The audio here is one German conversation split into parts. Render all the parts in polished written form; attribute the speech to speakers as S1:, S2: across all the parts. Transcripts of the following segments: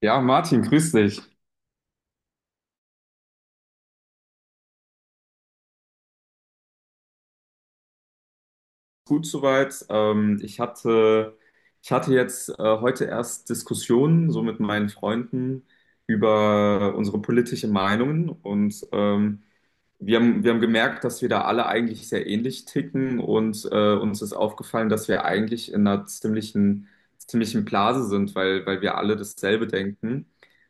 S1: Ja, Martin, grüß dich. Gut soweit. Ich hatte jetzt heute erst Diskussionen so mit meinen Freunden über unsere politischen Meinungen und wir haben gemerkt, dass wir da alle eigentlich sehr ähnlich ticken und uns ist aufgefallen, dass wir eigentlich in einer ziemlichen Blase sind, weil wir alle dasselbe denken.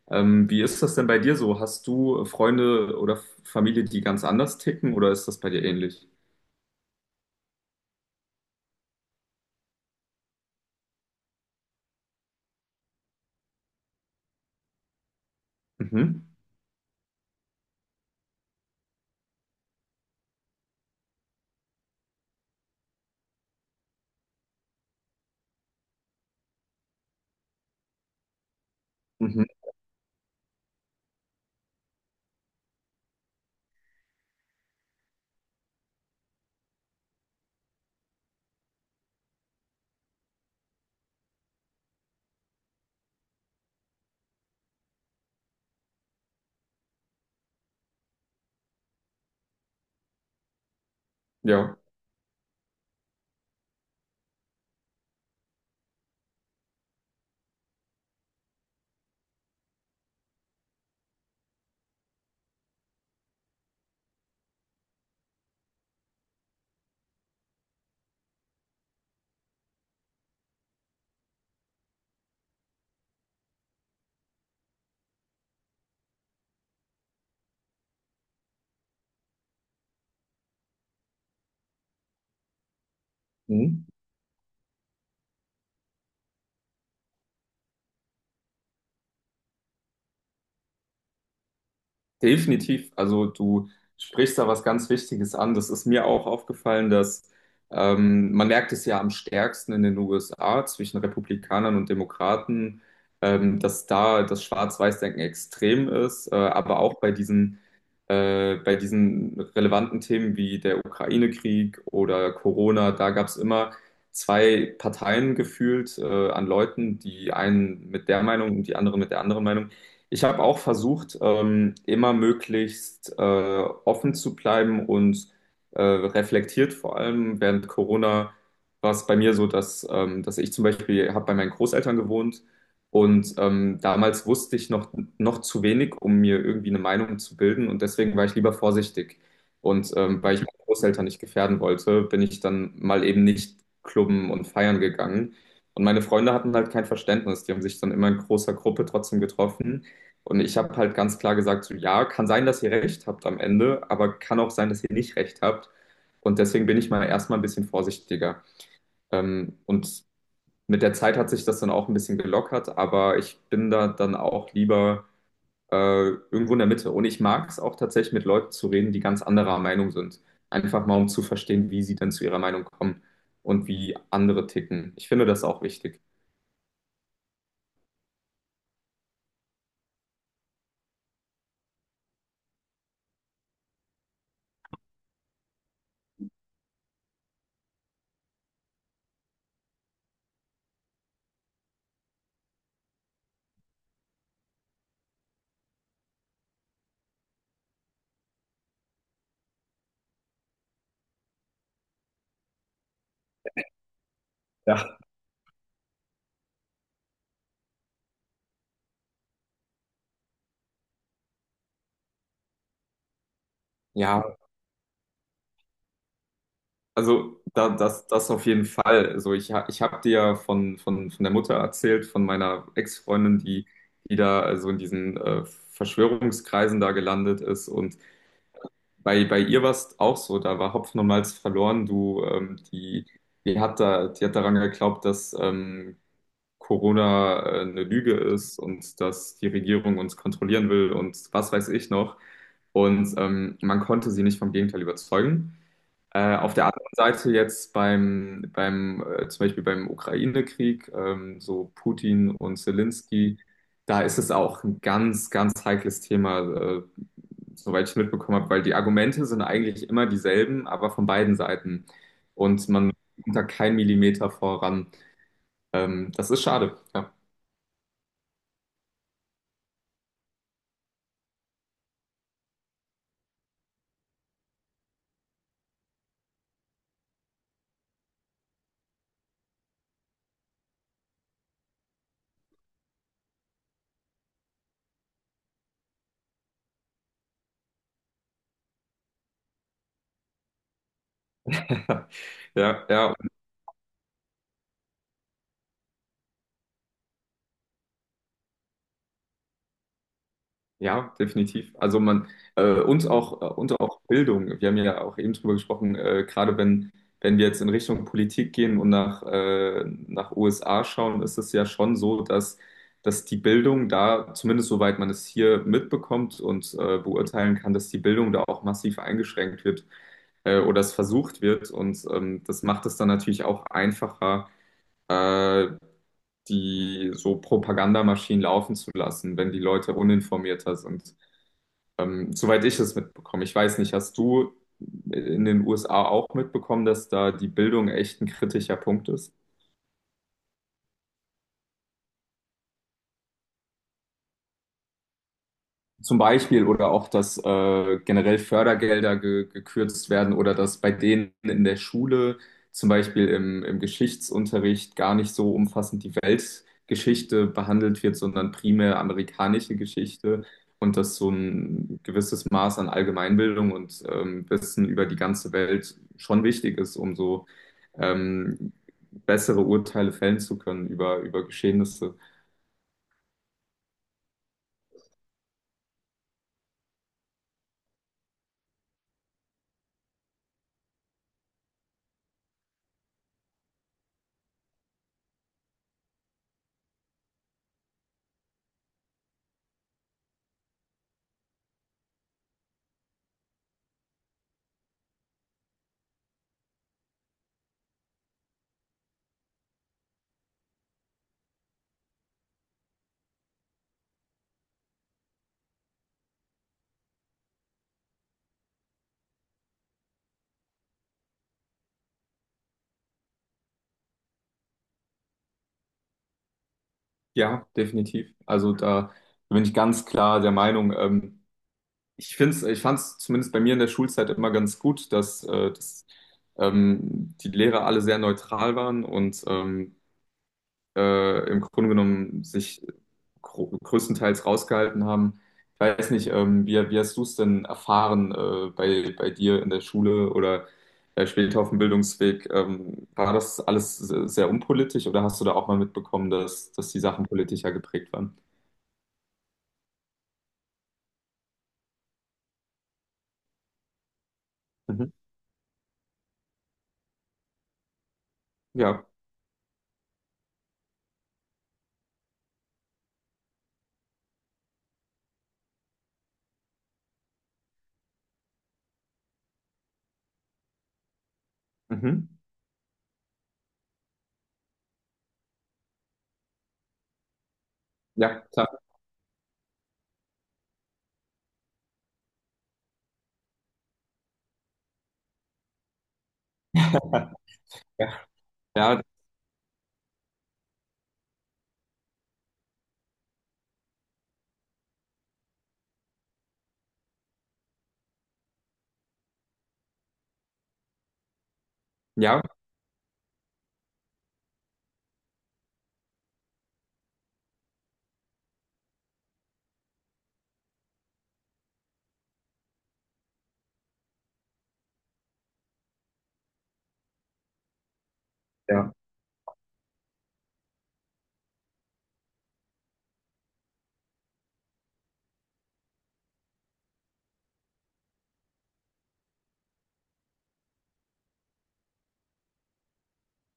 S1: Wie ist das denn bei dir so? Hast du Freunde oder Familie, die ganz anders ticken oder ist das bei dir ähnlich? Mhm. Mhm. Ja, mhm. Definitiv. Also du sprichst da was ganz Wichtiges an. Das ist mir auch aufgefallen, dass man merkt es ja am stärksten in den USA zwischen Republikanern und Demokraten, dass da das Schwarz-Weiß-Denken extrem ist, aber auch bei bei diesen relevanten Themen wie der Ukraine-Krieg oder Corona. Da gab es immer zwei Parteien gefühlt an Leuten, die einen mit der Meinung und die anderen mit der anderen Meinung. Ich habe auch versucht, immer möglichst offen zu bleiben und reflektiert. Vor allem während Corona war es bei mir so, dass dass ich zum Beispiel habe bei meinen Großeltern gewohnt und damals wusste ich noch zu wenig, um mir irgendwie eine Meinung zu bilden, und deswegen war ich lieber vorsichtig. Und weil ich meine Großeltern nicht gefährden wollte, bin ich dann mal eben nicht klubben und feiern gegangen. Und meine Freunde hatten halt kein Verständnis. Die haben sich dann immer in großer Gruppe trotzdem getroffen. Und ich habe halt ganz klar gesagt, so ja, kann sein, dass ihr recht habt am Ende, aber kann auch sein, dass ihr nicht recht habt. Und deswegen bin ich mal erstmal ein bisschen vorsichtiger. Und mit der Zeit hat sich das dann auch ein bisschen gelockert, aber ich bin da dann auch lieber äh, irgendwo in der Mitte. Und ich mag es auch tatsächlich mit Leuten zu reden, die ganz anderer Meinung sind. Einfach mal, um zu verstehen, wie sie dann zu ihrer Meinung kommen und wie andere ticken. Ich finde das auch wichtig. Ja, also das auf jeden Fall. Also ich habe dir ja von der Mutter erzählt, von meiner Ex-Freundin, die da also in diesen Verschwörungskreisen da gelandet ist. Und bei ihr war es auch so, da war Hopfen und Malz verloren. Du, die hat daran geglaubt, dass Corona eine Lüge ist und dass die Regierung uns kontrollieren will und was weiß ich noch. Und man konnte sie nicht vom Gegenteil überzeugen. Auf der anderen Seite jetzt beim zum Beispiel beim Ukraine-Krieg, so Putin und Zelensky, da ist es auch ein ganz heikles Thema, äh, soweit ich mitbekommen habe, weil die Argumente sind eigentlich immer dieselben, aber von beiden Seiten. Und man kommt da keinen Millimeter voran. Das ist schade. Ja, ja. Ja, definitiv. Also man uns auch und auch Bildung. Wir haben ja auch eben drüber gesprochen, gerade wenn wir jetzt in Richtung Politik gehen und nach nach USA schauen, ist es ja schon so, dass die Bildung da, zumindest soweit man es hier mitbekommt und beurteilen kann, dass die Bildung da auch massiv eingeschränkt wird, oder es versucht wird, und das macht es dann natürlich auch einfacher, äh, die so Propagandamaschinen laufen zu lassen, wenn die Leute uninformierter sind. Soweit ich es mitbekomme. Ich weiß nicht, hast du in den USA auch mitbekommen, dass da die Bildung echt ein kritischer Punkt ist? Zum Beispiel, oder auch, dass generell Fördergelder ge gekürzt werden, oder dass bei denen in der Schule, zum Beispiel im Geschichtsunterricht, gar nicht so umfassend die Weltgeschichte behandelt wird, sondern primär amerikanische Geschichte, und dass so ein gewisses Maß an Allgemeinbildung und Wissen über die ganze Welt schon wichtig ist, um so ähm, bessere Urteile fällen zu können über, über Geschehnisse. Ja, definitiv. Also da bin ich ganz klar der Meinung. Ich find's, ich fand es zumindest bei mir in der Schulzeit immer ganz gut, dass die Lehrer alle sehr neutral waren und im Grunde genommen sich größtenteils rausgehalten haben. Ich weiß nicht, wie hast du es denn erfahren bei dir in der Schule oder später auf dem Bildungsweg? War das alles sehr unpolitisch, oder hast du da auch mal mitbekommen, dass die Sachen politischer geprägt waren? Mhm. Ja. Mhm. Ja, klar. Ja, ja, ja, ja,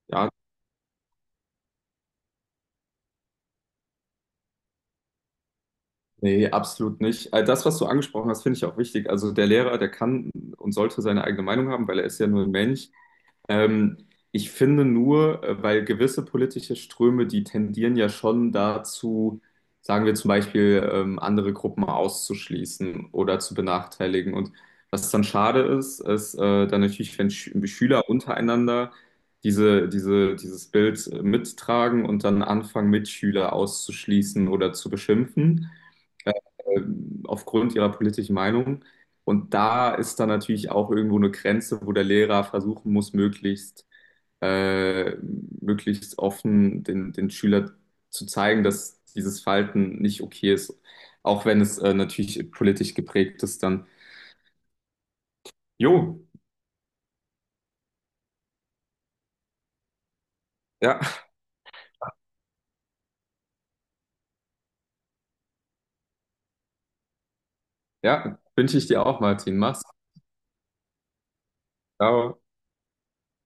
S1: ja, nee, absolut nicht. Das, was du angesprochen hast, finde ich auch wichtig. Also der Lehrer, der kann und sollte seine eigene Meinung haben, weil er ist ja nur ein Mensch. Ähm, ich finde nur, weil gewisse politische Ströme, die tendieren ja schon dazu, sagen wir zum Beispiel, andere Gruppen auszuschließen oder zu benachteiligen. Und was dann schade ist, ist dann natürlich, wenn Schüler untereinander dieses Bild mittragen und dann anfangen, Mitschüler auszuschließen oder zu beschimpfen, äh, äh, aufgrund ihrer politischen Meinung. Und da ist dann natürlich auch irgendwo eine Grenze, wo der Lehrer versuchen muss, möglichst offen den, den Schüler zu zeigen, dass dieses Verhalten nicht okay ist. Auch wenn es natürlich politisch geprägt ist, dann. Jo, ja, ja, wünsche ich dir auch, Martin. Mach's gut. Ciao.